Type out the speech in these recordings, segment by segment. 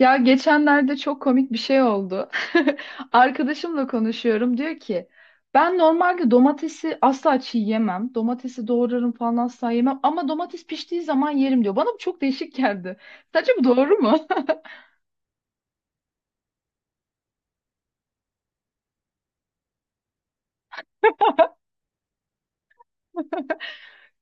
Ya geçenlerde çok komik bir şey oldu. Arkadaşımla konuşuyorum. Diyor ki ben normalde domatesi asla çiğ yemem. Domatesi doğrarım falan asla yemem. Ama domates piştiği zaman yerim diyor. Bana bu çok değişik geldi. Sence bu doğru mu?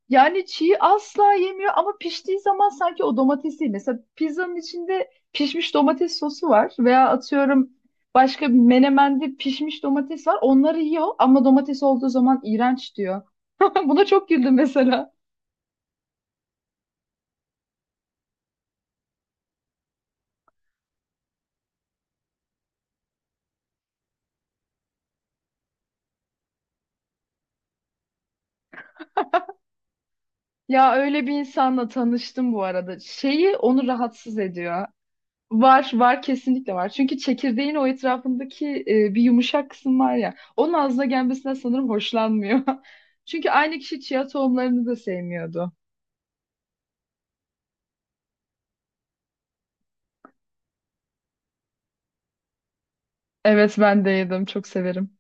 Yani çiğ asla yemiyor ama piştiği zaman sanki o domatesi. Mesela pizzanın içinde pişmiş domates sosu var. Veya atıyorum başka bir menemende pişmiş domates var. Onları yiyor ama domates olduğu zaman iğrenç diyor. Buna çok güldüm mesela. Ya öyle bir insanla tanıştım bu arada. Şeyi onu rahatsız ediyor. Var, var kesinlikle var. Çünkü çekirdeğin o etrafındaki bir yumuşak kısım var ya. Onun ağzına gelmesine sanırım hoşlanmıyor. Çünkü aynı kişi chia tohumlarını da sevmiyordu. Evet ben de yedim, çok severim.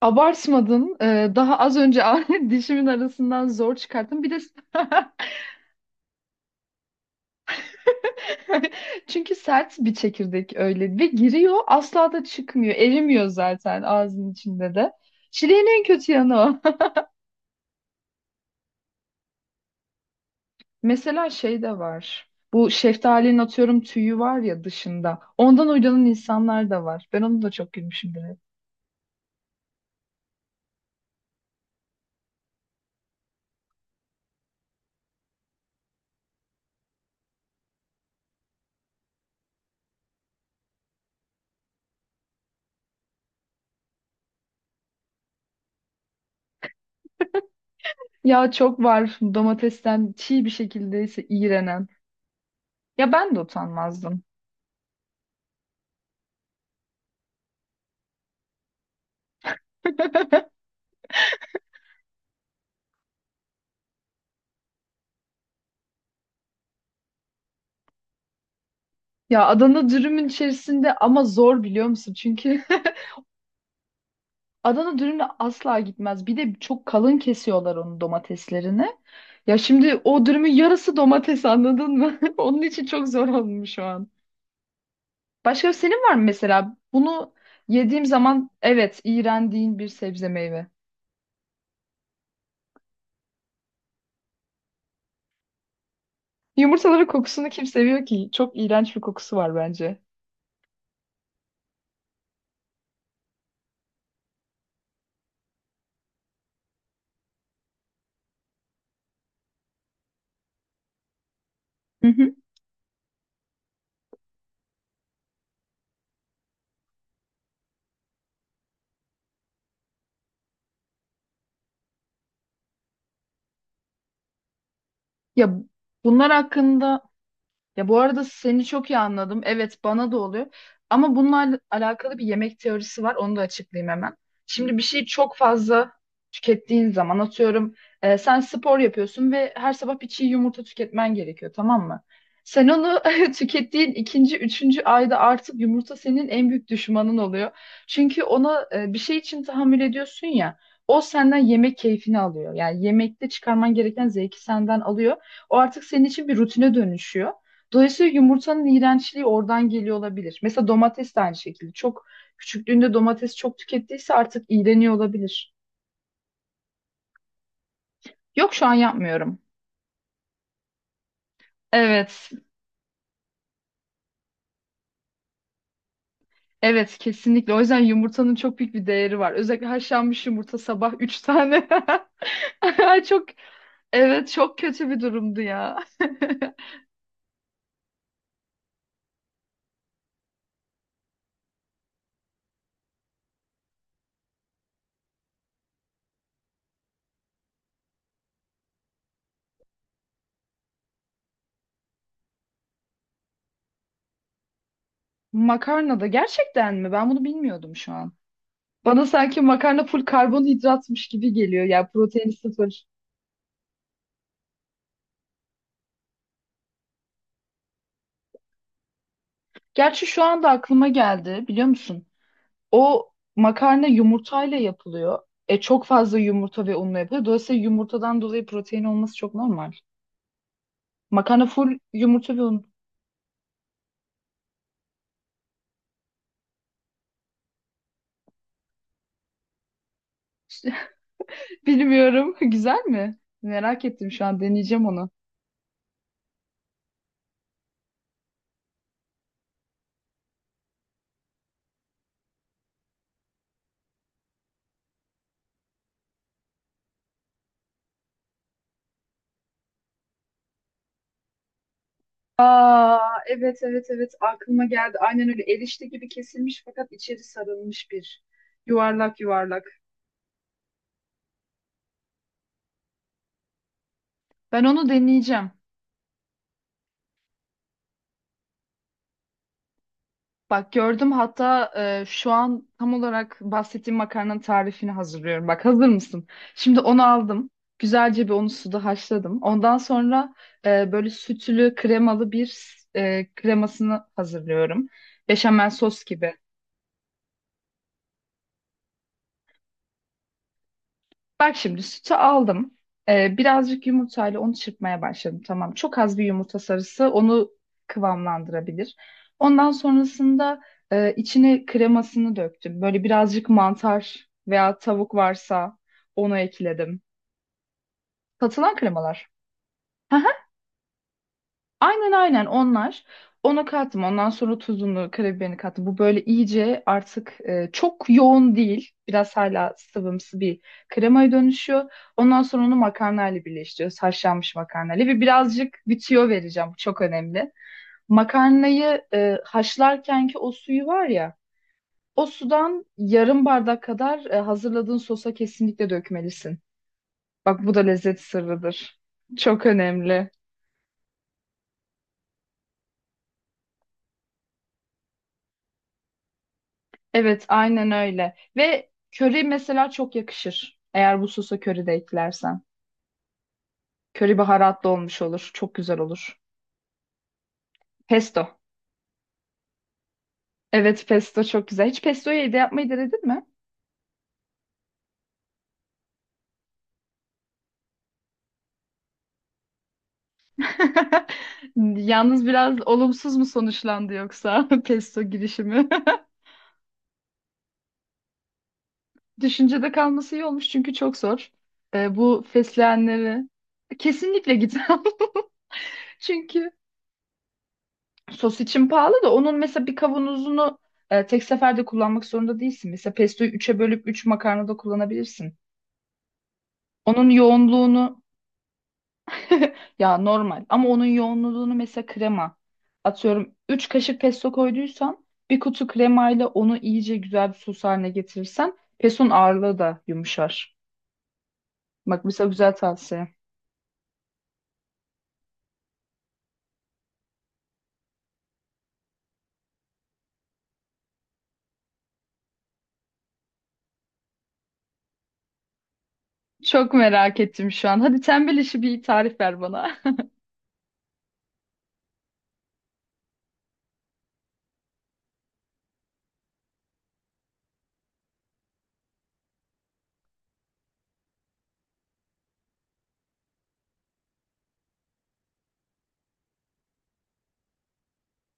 Abartmadın. Daha az önce dişimin arasından zor çıkarttım. Bir de Çünkü sert bir çekirdek öyle ve giriyor asla da çıkmıyor. Erimiyor zaten ağzın içinde de. Çileğin en kötü yanı o. Mesela şey de var. Bu şeftalinin atıyorum tüyü var ya dışında. Ondan uyduran insanlar da var. Ben onu da çok gülmüşümdür hep. Ya çok var domatesten çiğ bir şekilde ise iğrenen. Ya ben de utanmazdım. Ya Adana dürümün içerisinde ama zor biliyor musun? Çünkü Adana dürümle asla gitmez. Bir de çok kalın kesiyorlar onun domateslerini. Ya şimdi o dürümün yarısı domates anladın mı? Onun için çok zor olmuş şu an. Başka senin var mı mesela? Bunu yediğim zaman evet iğrendiğin bir sebze meyve. Yumurtaların kokusunu kim seviyor ki? Çok iğrenç bir kokusu var bence. Hı hı. Ya bunlar hakkında. Ya bu arada seni çok iyi anladım. Evet bana da oluyor. Ama bununla alakalı bir yemek teorisi var. Onu da açıklayayım hemen. Şimdi bir şeyi çok fazla tükettiğin zaman atıyorum sen spor yapıyorsun ve her sabah bir çiğ yumurta tüketmen gerekiyor tamam mı? Sen onu tükettiğin ikinci, üçüncü ayda artık yumurta senin en büyük düşmanın oluyor. Çünkü ona bir şey için tahammül ediyorsun ya. O senden yemek keyfini alıyor. Yani yemekte çıkarman gereken zevki senden alıyor. O artık senin için bir rutine dönüşüyor. Dolayısıyla yumurtanın iğrençliği oradan geliyor olabilir. Mesela domates de aynı şekilde. Çok küçüklüğünde domates çok tükettiyse artık iğreniyor olabilir. Yok şu an yapmıyorum. Evet. Evet kesinlikle. O yüzden yumurtanın çok büyük bir değeri var. Özellikle haşlanmış yumurta sabah 3 tane. Çok evet çok kötü bir durumdu ya. Makarna da gerçekten mi? Ben bunu bilmiyordum şu an. Bana sanki makarna full karbonhidratmış gibi geliyor. Yani proteini sıfır. Gerçi şu anda aklıma geldi biliyor musun? O makarna yumurtayla yapılıyor. E çok fazla yumurta ve unla yapılıyor. Dolayısıyla yumurtadan dolayı protein olması çok normal. Makarna full yumurta ve un. Bilmiyorum. Güzel mi? Merak ettim şu an. Deneyeceğim onu. Aa evet evet evet aklıma geldi. Aynen öyle erişte gibi kesilmiş fakat içeri sarılmış bir yuvarlak yuvarlak. Ben onu deneyeceğim. Bak gördüm hatta şu an tam olarak bahsettiğim makarnanın tarifini hazırlıyorum. Bak hazır mısın? Şimdi onu aldım. Güzelce bir onu suda haşladım. Ondan sonra böyle sütlü kremalı bir kremasını hazırlıyorum. Beşamel sos gibi. Bak şimdi sütü aldım. Birazcık yumurtayla onu çırpmaya başladım. Tamam. Çok az bir yumurta sarısı onu kıvamlandırabilir. Ondan sonrasında içine kremasını döktüm. Böyle birazcık mantar veya tavuk varsa onu ekledim. Satılan kremalar. Aynen aynen onlar. Ona kattım. Ondan sonra tuzunu, karabiberini kattım. Bu böyle iyice artık çok yoğun değil. Biraz hala sıvımsı bir kremaya dönüşüyor. Ondan sonra onu makarnayla birleştiriyoruz. Haşlanmış makarnayla ve birazcık bir tüyo vereceğim. Bu çok önemli. Makarnayı haşlarkenki o suyu var ya, o sudan yarım bardak kadar hazırladığın sosa kesinlikle dökmelisin. Bak bu da lezzet sırrıdır. Çok önemli. Evet, aynen öyle. Ve köri mesela çok yakışır. Eğer bu sosa köri de eklersen. Köri baharatlı olmuş olur. Çok güzel olur. Pesto. Evet, pesto çok güzel. Hiç pestoyu evde yapmayı denedin mi? Yalnız biraz olumsuz mu sonuçlandı yoksa pesto girişimi? Düşüncede kalması iyi olmuş çünkü çok zor. Bu fesleğenleri kesinlikle git. Çünkü sos için pahalı da onun mesela bir kavanozunu tek seferde kullanmak zorunda değilsin. Mesela pestoyu üç'e bölüp 3 makarnada kullanabilirsin. Onun yoğunluğunu ya normal ama onun yoğunluğunu mesela krema atıyorum 3 kaşık pesto koyduysan bir kutu kremayla onu iyice güzel bir sos haline getirirsen pestonun ağırlığı da yumuşar. Bak mesela güzel tavsiye. Çok merak ettim şu an. Hadi tembel işi bir tarif ver bana.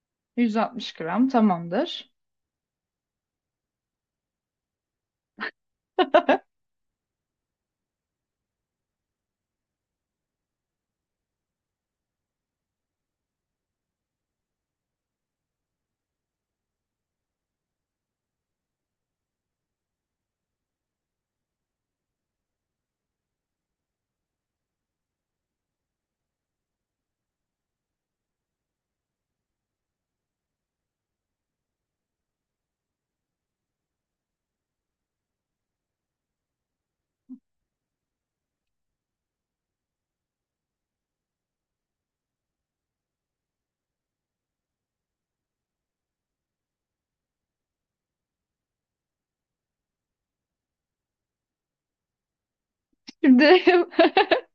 160 gram tamamdır. Şimdi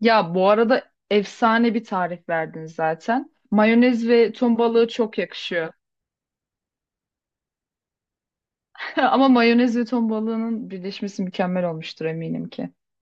ya bu arada efsane bir tarif verdin zaten. Mayonez ve ton balığı çok yakışıyor. Ama mayonez ve ton balığının birleşmesi mükemmel olmuştur eminim ki.